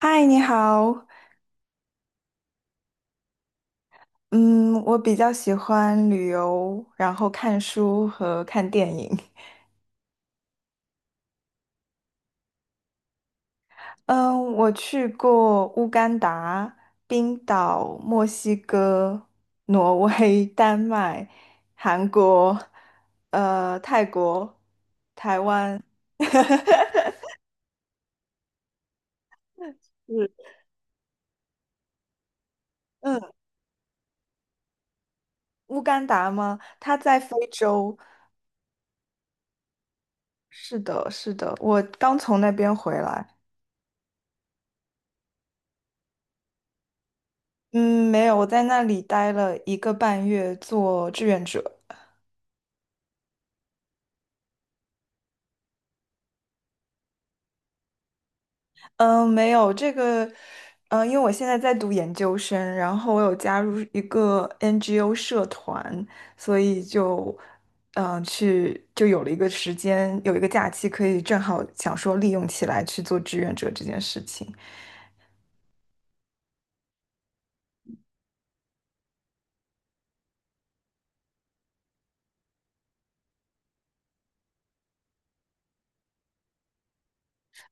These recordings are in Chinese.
嗨，你好。嗯，我比较喜欢旅游，然后看书和看电影。嗯，我去过乌干达、冰岛、墨西哥、挪威、丹麦、韩国，泰国。嗯，嗯，乌干达吗？它在非洲。是的，是的，我刚从那边回来。嗯，没有，我在那里待了一个半月做志愿者。嗯，没有这个，因为我现在在读研究生，然后我有加入一个 NGO 社团，所以就，去就有了一个时间，有一个假期，可以正好想说利用起来去做志愿者这件事情。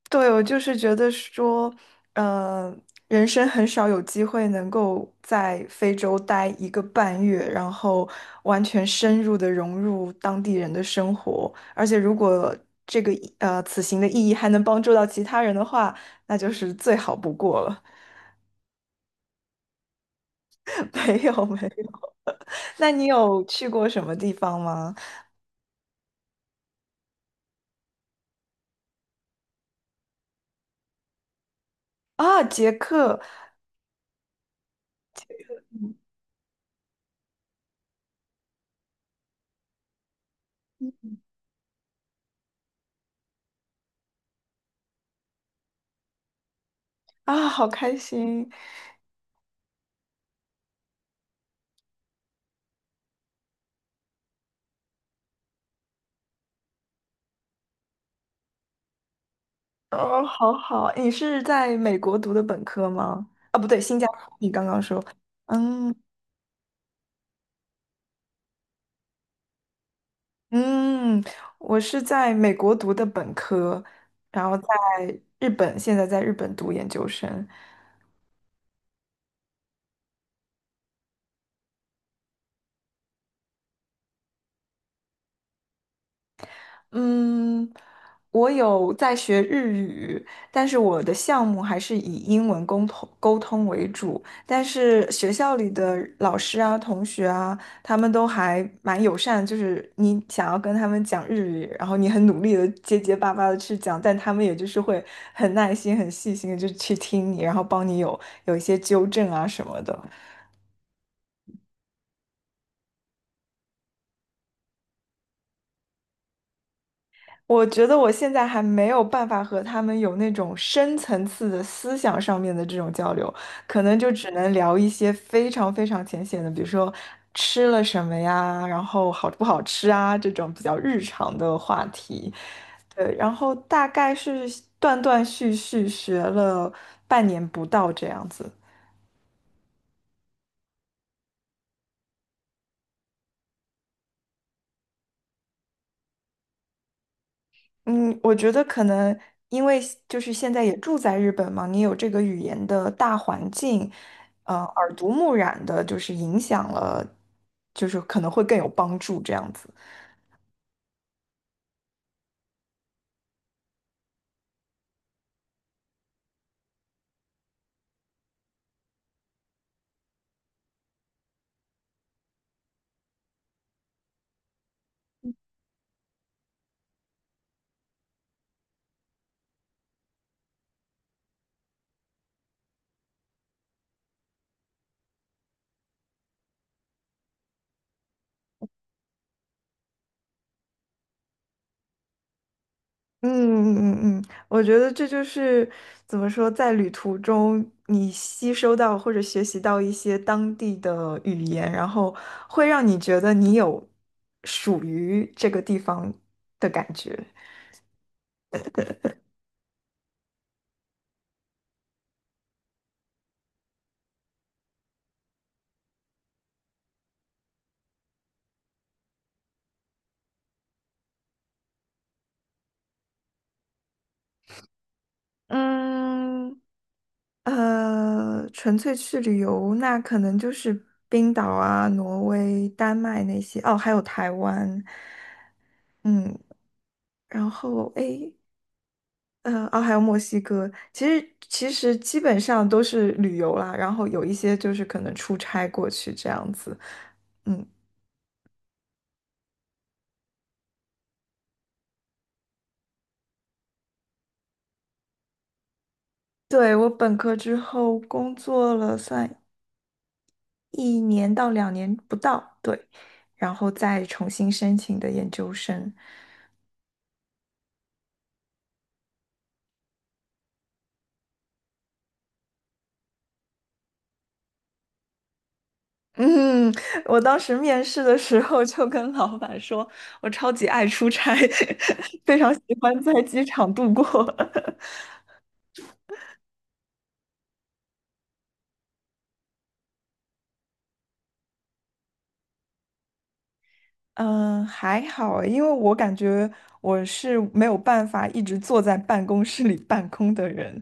对，我就是觉得说，呃，人生很少有机会能够在非洲待一个半月，然后完全深入的融入当地人的生活。而且，如果这个意呃此行的意义还能帮助到其他人的话，那就是最好不过了。没有，没有。那你有去过什么地方吗？啊，捷克啊，好开心！哦，好好，你是在美国读的本科吗？啊，不对，新加坡，你刚刚说，嗯嗯，我是在美国读的本科，然后在日本，现在在日本读研究生。嗯，我有在学日语，但是我的项目还是以英文沟通为主。但是学校里的老师啊、同学啊，他们都还蛮友善，就是你想要跟他们讲日语，然后你很努力的结结巴巴的去讲，但他们也就是会很耐心、很细心的就去听你，然后帮你有一些纠正啊什么的。我觉得我现在还没有办法和他们有那种深层次的思想上面的这种交流，可能就只能聊一些非常非常浅显的，比如说吃了什么呀，然后好不好吃啊这种比较日常的话题。对，然后大概是断断续续学了半年不到这样子。嗯，我觉得可能因为就是现在也住在日本嘛，你有这个语言的大环境，耳濡目染的，就是影响了，就是可能会更有帮助这样子。嗯嗯嗯，嗯，我觉得这就是怎么说，在旅途中你吸收到或者学习到一些当地的语言，然后会让你觉得你有属于这个地方的感觉。嗯，纯粹去旅游，那可能就是冰岛啊、挪威、丹麦那些，哦，还有台湾，嗯，然后诶，嗯，哦，还有墨西哥。其实基本上都是旅游啦，然后有一些就是可能出差过去这样子。嗯，对，我本科之后工作了，算一年到2年不到，对，然后再重新申请的研究生。嗯，我当时面试的时候就跟老板说，我超级爱出差，非常喜欢在机场度过。嗯，还好诶因为我感觉我是没有办法一直坐在办公室里办公的人，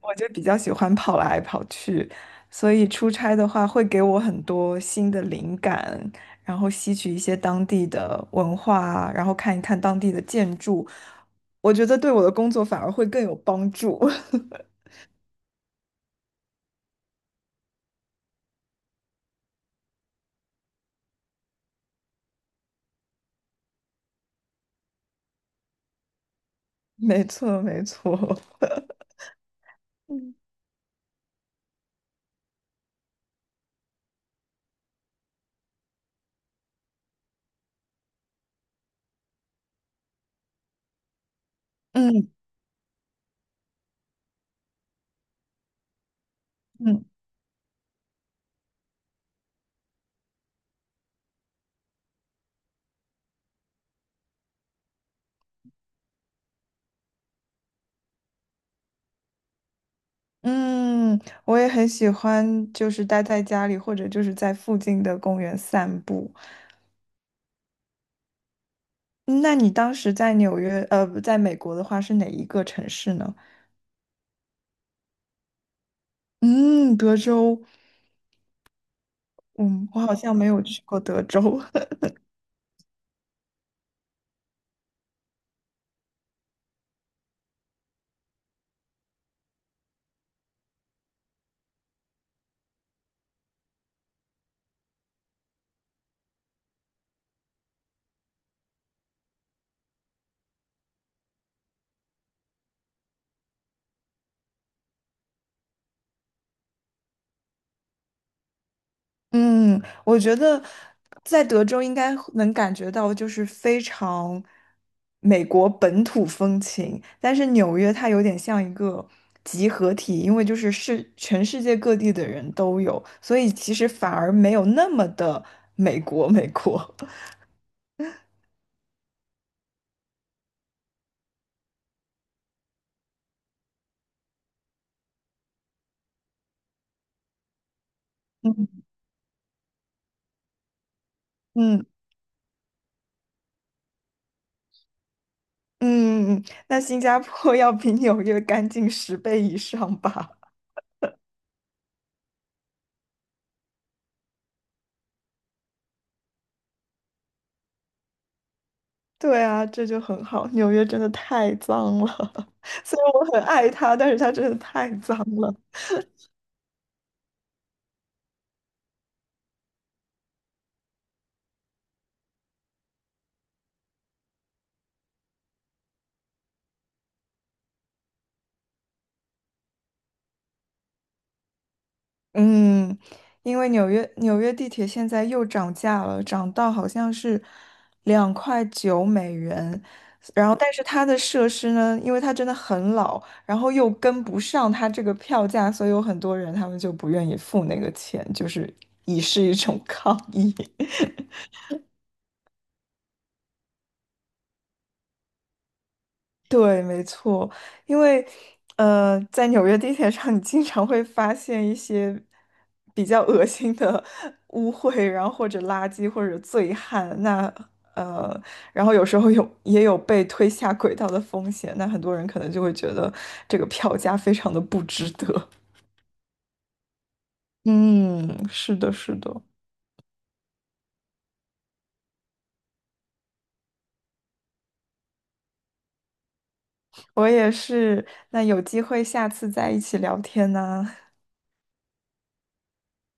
我就比较喜欢跑来跑去，所以出差的话会给我很多新的灵感，然后吸取一些当地的文化啊然后看一看当地的建筑，我觉得对我的工作反而会更有帮助。没错，没错。嗯嗯嗯。嗯，我也很喜欢，就是待在家里或者就是在附近的公园散步。嗯那你当时在纽约，不在美国的话是哪一个城市呢？嗯，德州。嗯，我好像没有去过德州。嗯，我觉得在德州应该能感觉到，就是非常美国本土风情。但是纽约它有点像一个集合体，因为就是是全世界各地的人都有，所以其实反而没有那么的美国美国。嗯嗯嗯，那新加坡要比纽约干净10倍以上吧。对啊，这就很好。纽约真的太脏了，虽然我很爱它，但是它真的太脏了。嗯，因为纽约地铁现在又涨价了，涨到好像是2.9美元。然后，但是它的设施呢，因为它真的很老，然后又跟不上它这个票价，所以有很多人他们就不愿意付那个钱，就是以示一种 抗议。对，没错，因为在纽约地铁上，你经常会发现一些比较恶心的 污秽，然后或者垃圾或者醉汉，呃，然后有时候也有被推下轨道的风险，那很多人可能就会觉得这个票价非常的不值得。嗯，是的，是的，我也是。那有机会下次再一起聊天呢，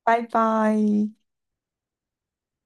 拜拜。